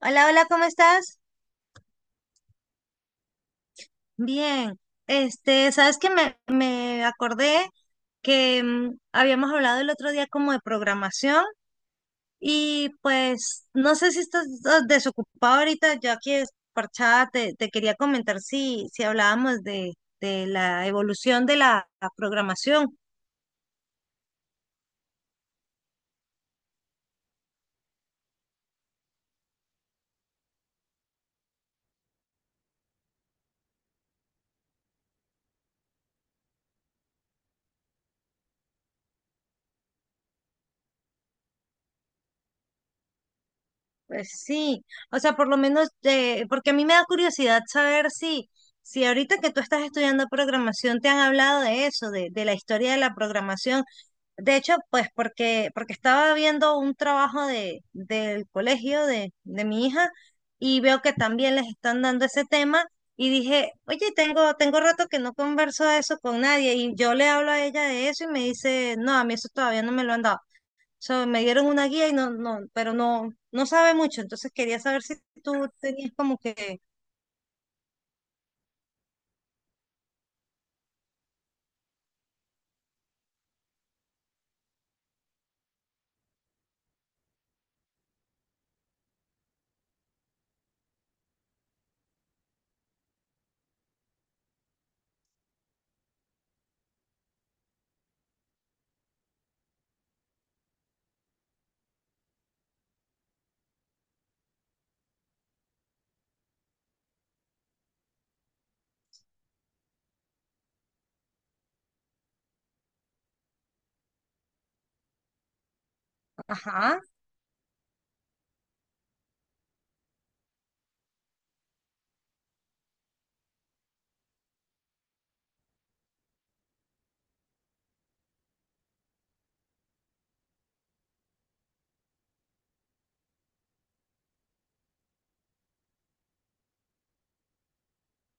Hola, hola, ¿cómo estás? Bien. Sabes que me acordé que habíamos hablado el otro día como de programación y pues no sé si estás desocupado ahorita, yo aquí desparchada te quería comentar si hablábamos de la evolución de la programación. Pues sí, o sea, por lo menos, porque a mí me da curiosidad saber si ahorita que tú estás estudiando programación te han hablado de eso, de la historia de la programación. De hecho, pues porque estaba viendo un trabajo del colegio de mi hija y veo que también les están dando ese tema y dije, oye, tengo rato que no converso de eso con nadie y yo le hablo a ella de eso y me dice, no, a mí eso todavía no me lo han dado. O sea, me dieron una guía y no, no, pero no, no sabe mucho. Entonces quería saber si tú tenías como que, ajá,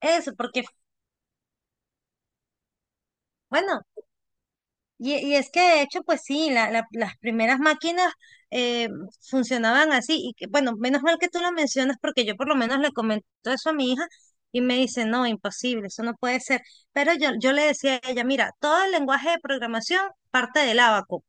eso, porque, bueno. Y es que de hecho, pues sí, las primeras máquinas eh, funcionaban así. Y que, bueno, menos mal que tú lo mencionas porque yo por lo menos le comento eso a mi hija y me dice, no, imposible, eso no puede ser. Pero yo le decía a ella, mira, todo el lenguaje de programación parte del ábaco.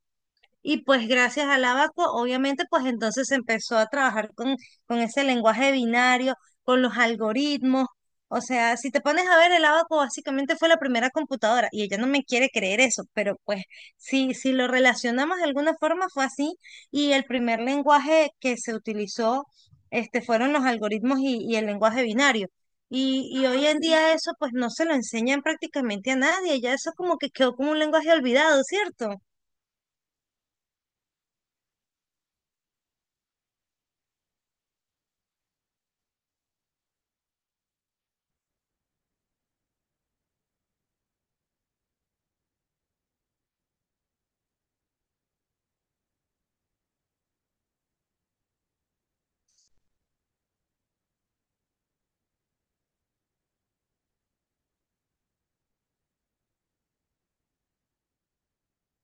Y pues gracias al Abaco, obviamente, pues entonces se empezó a trabajar con ese lenguaje binario, con los algoritmos. O sea, si te pones a ver, el Abaco básicamente fue la primera computadora y ella no me quiere creer eso, pero pues si lo relacionamos de alguna forma fue así y el primer lenguaje que se utilizó fueron los algoritmos y el lenguaje binario. Y hoy en día eso pues no se lo enseñan prácticamente a nadie, ya eso como que quedó como un lenguaje olvidado, ¿cierto?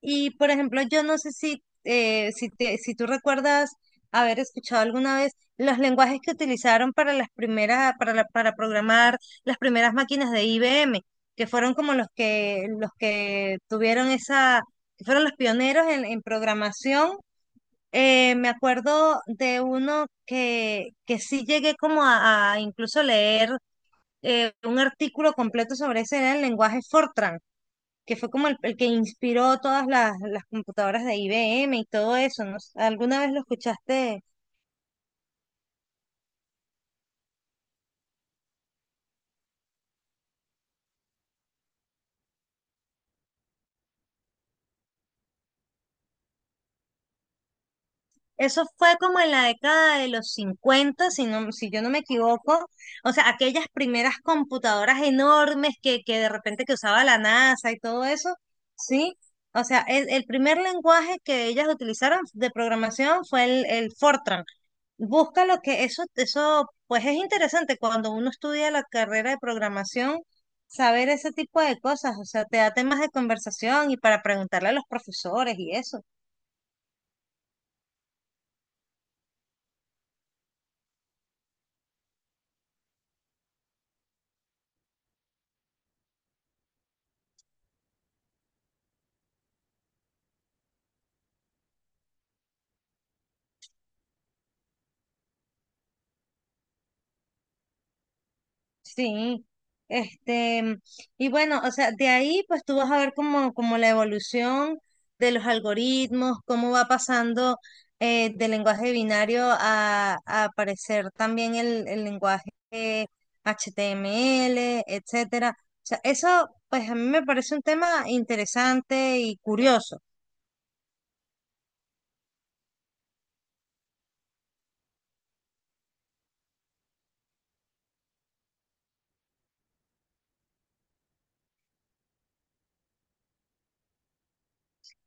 Y por ejemplo, yo no sé si si tú recuerdas haber escuchado alguna vez los lenguajes que utilizaron para las primeras, para, para programar las primeras máquinas de IBM, que fueron como los que tuvieron esa, que fueron los pioneros en programación. Me acuerdo de uno que sí llegué como a incluso leer un artículo completo sobre ese, era el lenguaje Fortran que fue como el que inspiró todas las computadoras de IBM y todo eso, ¿no? ¿Alguna vez lo escuchaste? Eso fue como en la década de los 50 si no, si yo no me equivoco. O sea, aquellas primeras computadoras enormes que de repente que usaba la NASA y todo eso, ¿sí? O sea, el primer lenguaje que ellas utilizaron de programación fue el Fortran. Busca lo que eso, pues es interesante cuando uno estudia la carrera de programación, saber ese tipo de cosas, o sea, te da temas de conversación y para preguntarle a los profesores y eso. Sí, este, y bueno, o sea, de ahí pues tú vas a ver como, como la evolución de los algoritmos, cómo va pasando del lenguaje binario a aparecer también el lenguaje HTML, etcétera. O sea, eso pues a mí me parece un tema interesante y curioso.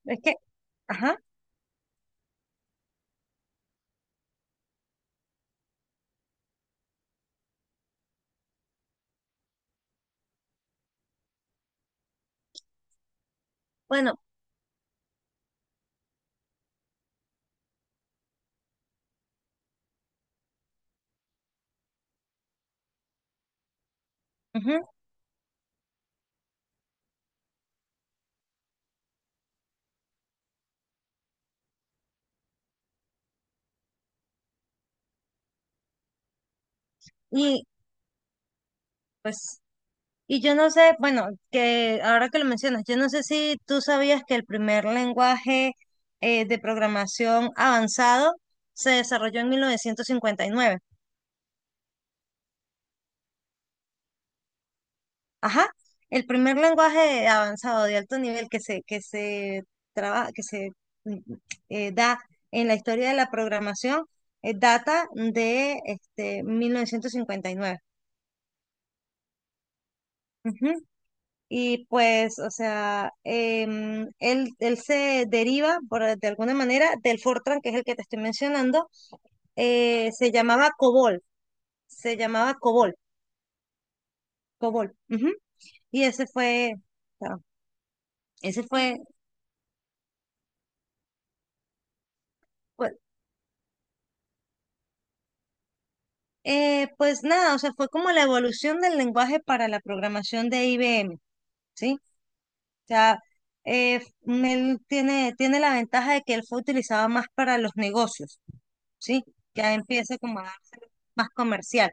Es que, ajá, bueno, ujú, y pues, y yo no sé, bueno, que ahora que lo mencionas, yo no sé si tú sabías que el primer lenguaje de programación avanzado se desarrolló en 1959. Ajá, el primer lenguaje avanzado de alto nivel que se traba- que se mm, da en la historia de la programación data de 1959. Y pues, o sea, él se deriva, por, de alguna manera, del Fortran, que es el que te estoy mencionando, eh, se llamaba COBOL, se llamaba COBOL, COBOL. Ujú. Y ese fue, o sea, ese fue, pues, pues nada, o sea, fue como la evolución del lenguaje para la programación de IBM, ¿sí? O sea, eh, él tiene la ventaja de que él fue utilizado más para los negocios, ¿sí? Ya empieza como a darse más comercial.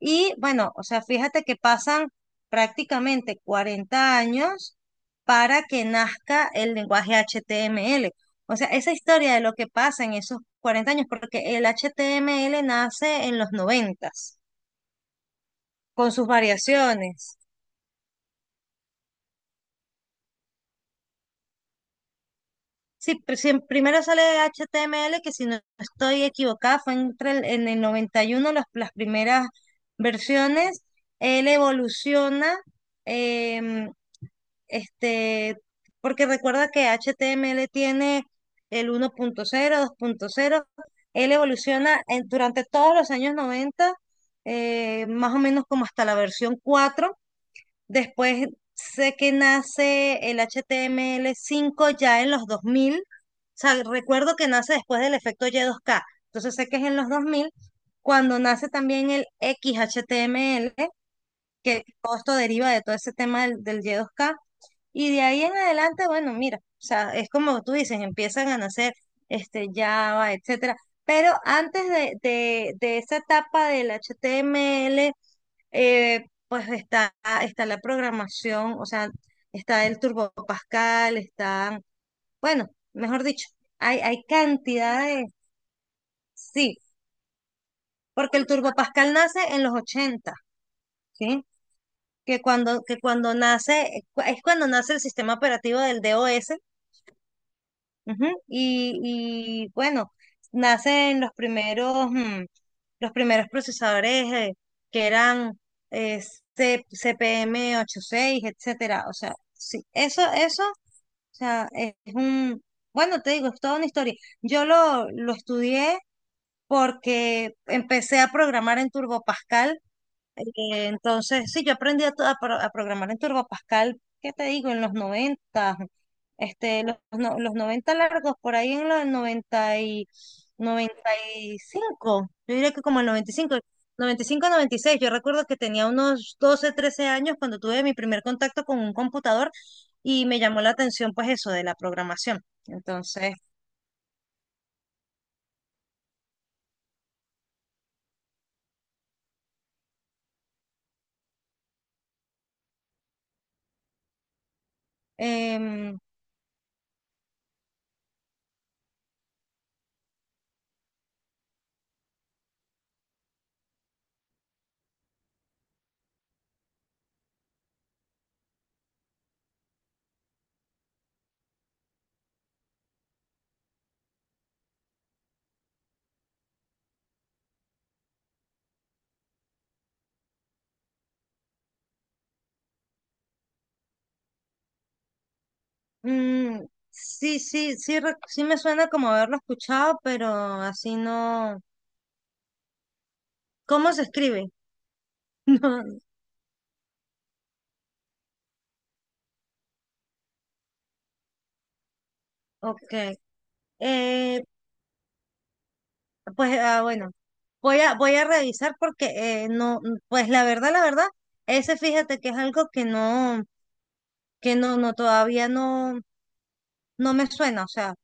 Y bueno, o sea, fíjate que pasan prácticamente 40 años para que nazca el lenguaje HTML. O sea, esa historia de lo que pasa en esos 40 años, porque el HTML nace en los noventas con sus variaciones. Sí, sí, primero sale HTML, que si no estoy equivocada, fue en el 91 las primeras versiones. Él evoluciona em, Este, porque recuerda que HTML tiene el 1.0 2.0. Él evoluciona durante todos los años 90 más o menos como hasta la versión cuatro. Después sé que nace el HTML5 ya en los dos mil. O sea, recuerdo que nace después del efecto Y2K. Entonces sé que es en los dos mil cuando nace también el XHTML, que todo esto deriva de todo ese tema del Y2K, y de ahí en adelante, bueno, mira, o sea, es como tú dices, empiezan a nacer Java, etcétera. Pero antes de, de esa etapa del HTML, pues está, está la programación, o sea, está el Turbo Pascal, están, bueno, mejor dicho, hay cantidad de, sí, porque el Turbo Pascal nace en los ochenta, ¿sí? Que cuando nace, es cuando nace el sistema operativo del DOS. Ujú. Y bueno, nacen los primeros, los primeros procesadores que eran eh, cpm ochenta y seis, etcétera. O sea, sí, eso, o sea, es un, bueno, te digo, es toda una historia. Yo lo estudié porque empecé a programar en Turbo Pascal. Entonces, sí, yo aprendí a programar en Turbo Pascal, ¿qué te digo? En los noventa, este, los, no- los 90 largos, por ahí en los 90 y noventa y cinco, yo diría que como el noventa noventa y cinco noventa y cinco noventa y seis. Yo recuerdo que tenía unos 12, 13 años cuando tuve mi primer contacto con un computador y me llamó la atención pues eso de la programación. Entonces, em, mm, sí, sí, sí, sí me suena como haberlo escuchado, pero así no. ¿Cómo se escribe? No, ok. Eh, pues bueno, voy a, voy a revisar porque no, pues la verdad, ese fíjate que es algo que no, no, todavía no, no me suena. O sea,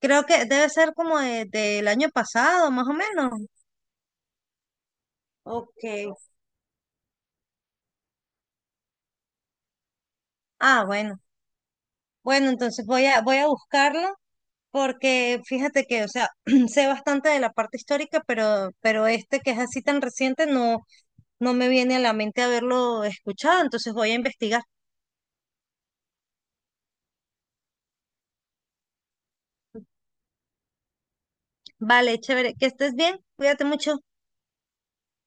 creo que debe ser como del año pasado, más o menos. Okay. Ah, bueno. Bueno, entonces voy a, voy a buscarlo porque fíjate que, o sea, sé bastante de la parte histórica, pero este que es así tan reciente, no. No me viene a la mente haberlo escuchado, entonces voy a investigar. Vale, chévere, que estés bien, cuídate mucho.